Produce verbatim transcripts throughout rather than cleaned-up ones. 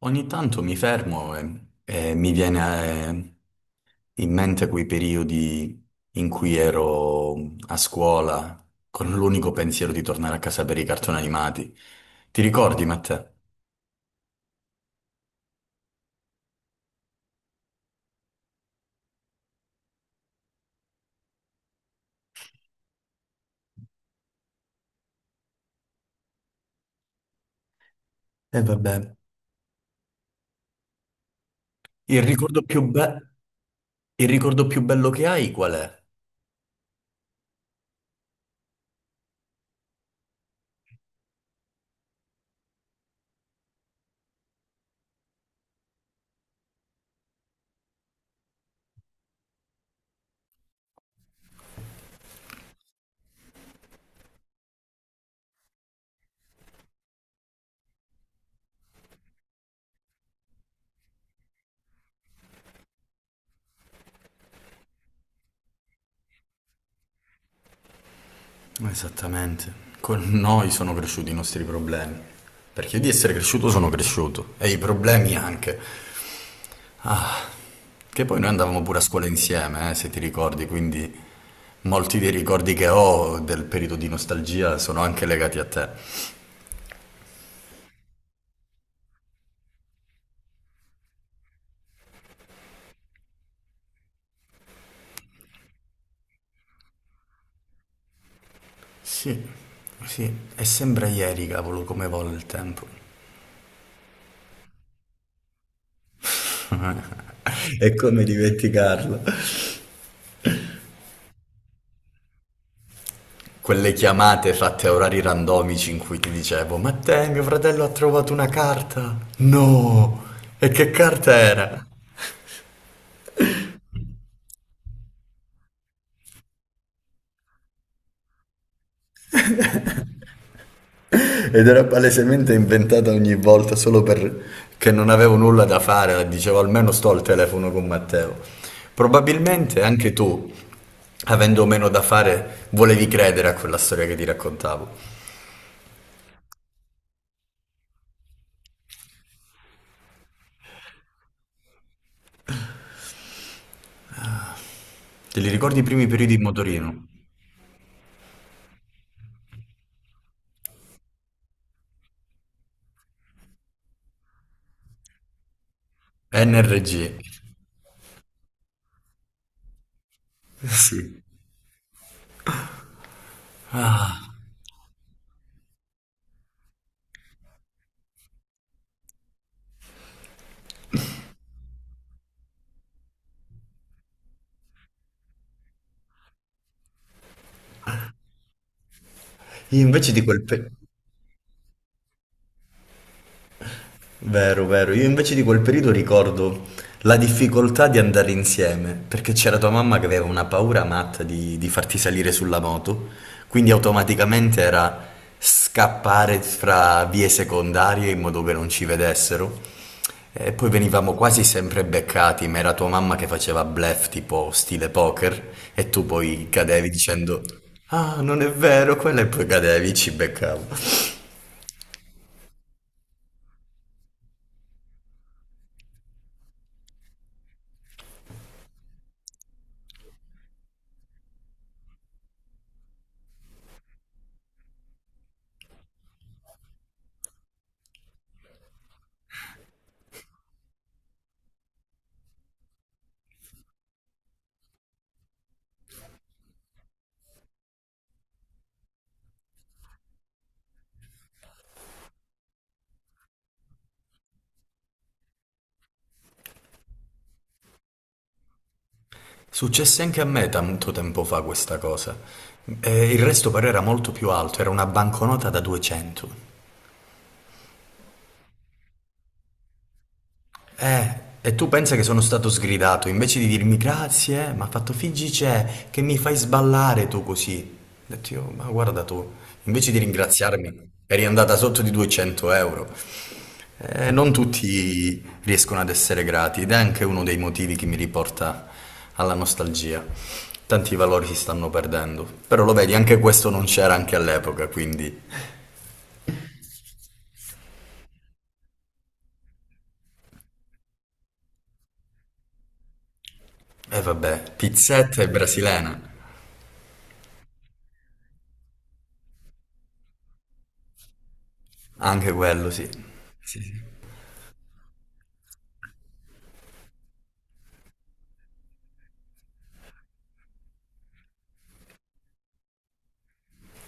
Ogni tanto mi fermo e, e mi viene eh, in mente quei periodi in cui ero a scuola con l'unico pensiero di tornare a casa per i cartoni animati. Ti ricordi, Matteo? E vabbè. Il ricordo più be- il ricordo più bello che hai qual è? Esattamente. Con noi sono cresciuti i nostri problemi. Perché io di essere cresciuto sono cresciuto e i problemi anche. Che poi noi andavamo pure a scuola insieme, eh, se ti ricordi, quindi molti dei ricordi che ho del periodo di nostalgia sono anche legati a te. Sì, sì, e sembra ieri, cavolo, come vola il tempo. E come dimenticarlo? Quelle chiamate fatte a orari randomici in cui ti dicevo, ma te, mio fratello ha trovato una carta. No! E che carta era? Ed era palesemente inventata ogni volta solo perché non avevo nulla da fare, dicevo almeno sto al telefono con Matteo. Probabilmente anche tu, avendo meno da fare, volevi credere a quella storia che ti raccontavo. Te li ricordi i primi periodi in motorino? N R G. Sì. Ah, io invece di quel periodo... Vero, vero. Io invece di quel periodo ricordo la difficoltà di andare insieme, perché c'era tua mamma che aveva una paura matta di, di farti salire sulla moto, quindi automaticamente era scappare fra vie secondarie in modo che non ci vedessero. E poi venivamo quasi sempre beccati, ma era tua mamma che faceva bluff tipo stile poker e tu poi cadevi dicendo ah, non è vero, quella e poi cadevi, ci beccavo. Successe anche a me tanto tempo fa questa cosa. E il resto però era molto più alto, era una banconota da duecento. Eh, e tu pensa che sono stato sgridato, invece di dirmi grazie, mi ha fatto figgi c'è, che mi fai sballare tu così. Ho detto io, ma guarda tu, invece di ringraziarmi, eri andata sotto di duecento euro. Eh, non tutti riescono ad essere grati ed è anche uno dei motivi che mi riporta alla nostalgia. Tanti valori si stanno perdendo, però lo vedi, anche questo non c'era anche all'epoca, quindi... E eh, vabbè, pizzetta e brasilena, anche quello sì. Sì, sì.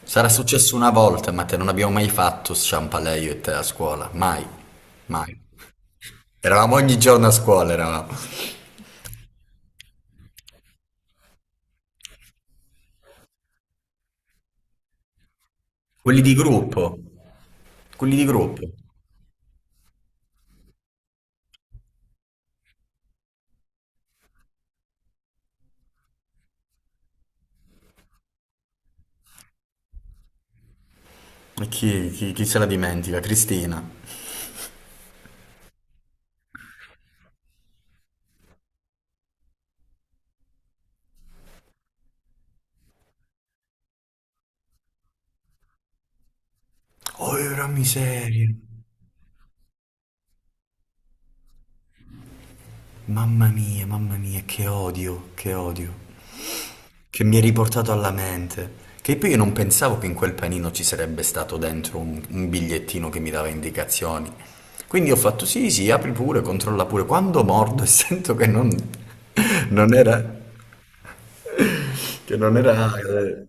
Sarà successo una volta, ma te non abbiamo mai fatto sciampale io e te a scuola, mai, mai. Eravamo ogni giorno a scuola, eravamo. Quelli di gruppo, quelli di gruppo. E chi, chi chi se la dimentica? Cristina. Oh, la miseria. Mamma mia, mamma mia, che odio, che odio. Che mi è riportato alla mente. Che poi io non pensavo che in quel panino ci sarebbe stato dentro un, un bigliettino che mi dava indicazioni. Quindi ho fatto sì, sì, apri pure, controlla pure. Quando mordo e sento che non, non era, che non era, eh,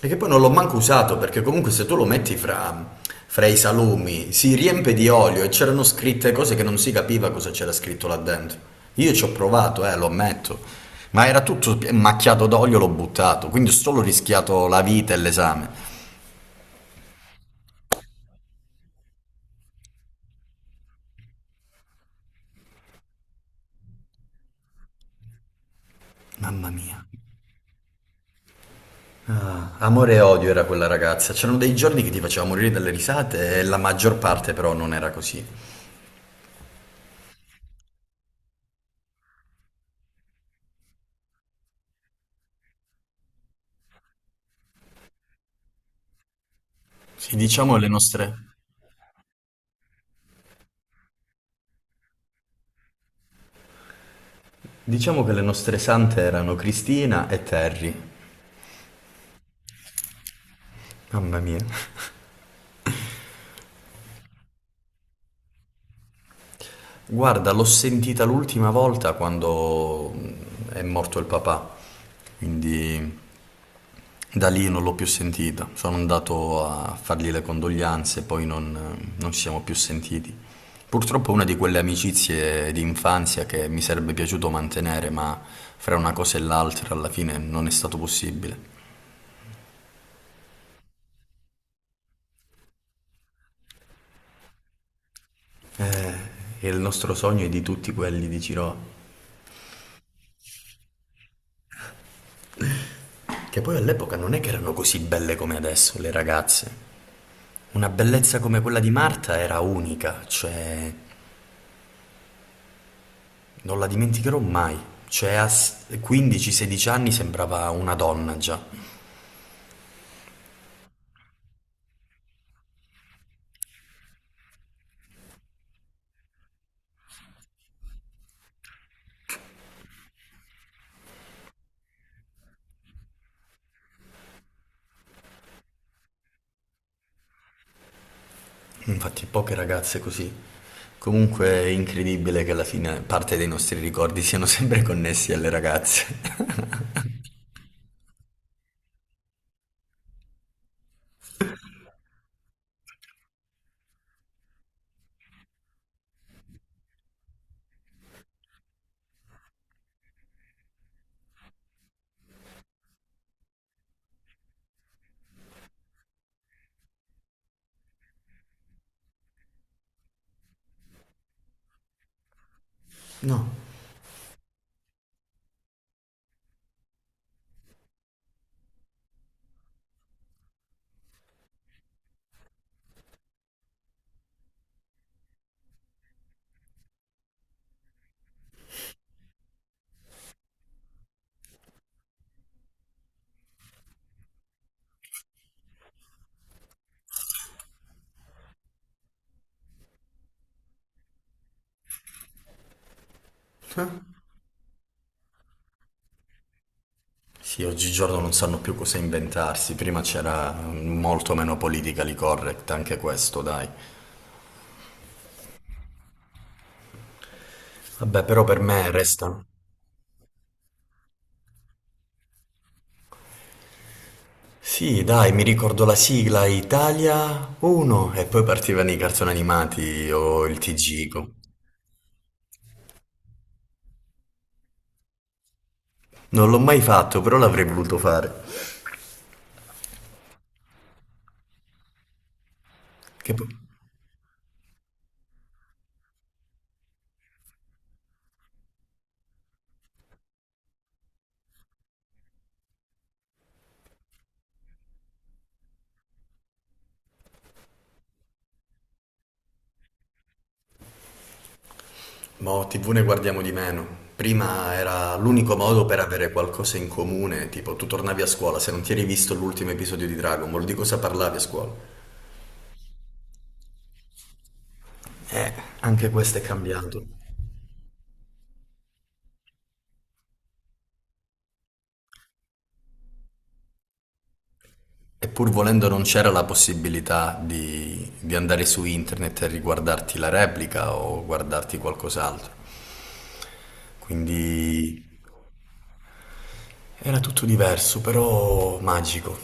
E che poi non l'ho manco usato perché comunque se tu lo metti fra, fra i salumi si riempie di olio e c'erano scritte cose che non si capiva cosa c'era scritto là dentro. Io ci ho provato, eh, lo ammetto, ma era tutto pi- macchiato d'olio, l'ho buttato, quindi ho solo rischiato la vita e l'esame. Mamma mia. Ah, amore e odio era quella ragazza. C'erano dei giorni che ti faceva morire dalle risate e la maggior parte però non era così. Sì, diciamo le nostre... Diciamo che le nostre sante erano Cristina e Terry. Mamma mia. Guarda, l'ho sentita l'ultima volta quando mm, è morto il papà, quindi da lì non l'ho più sentita. Sono andato a fargli le condoglianze, poi non, mm, non ci siamo più sentiti. Purtroppo è una di quelle amicizie di infanzia che mi sarebbe piaciuto mantenere, ma fra una cosa e l'altra alla fine non è stato possibile. Eh, e il nostro sogno è di tutti quelli di Ciroa, che poi all'epoca non è che erano così belle come adesso le ragazze. Una bellezza come quella di Marta era unica, cioè non la dimenticherò mai. Cioè a s- quindici sedici anni sembrava una donna già. Infatti poche ragazze così. Comunque è incredibile che alla fine parte dei nostri ricordi siano sempre connessi alle ragazze. No. Sì, oggigiorno non sanno più cosa inventarsi, prima c'era molto meno politically correct, anche questo, dai. Vabbè, però per me resta. Sì, dai, mi ricordo la sigla Italia uno e poi partivano i cartoni animati o il ti gi. com- Non l'ho mai fatto, però l'avrei voluto fare. Che poi... Boh, tivù ne guardiamo di meno. Prima era l'unico modo per avere qualcosa in comune, tipo tu tornavi a scuola se non ti eri visto l'ultimo episodio di Dragon Ball, di cosa parlavi a scuola? Eh, Anche questo è cambiato. E pur volendo non c'era la possibilità di, di andare su internet e riguardarti la replica o guardarti qualcos'altro. Quindi era tutto diverso, però magico.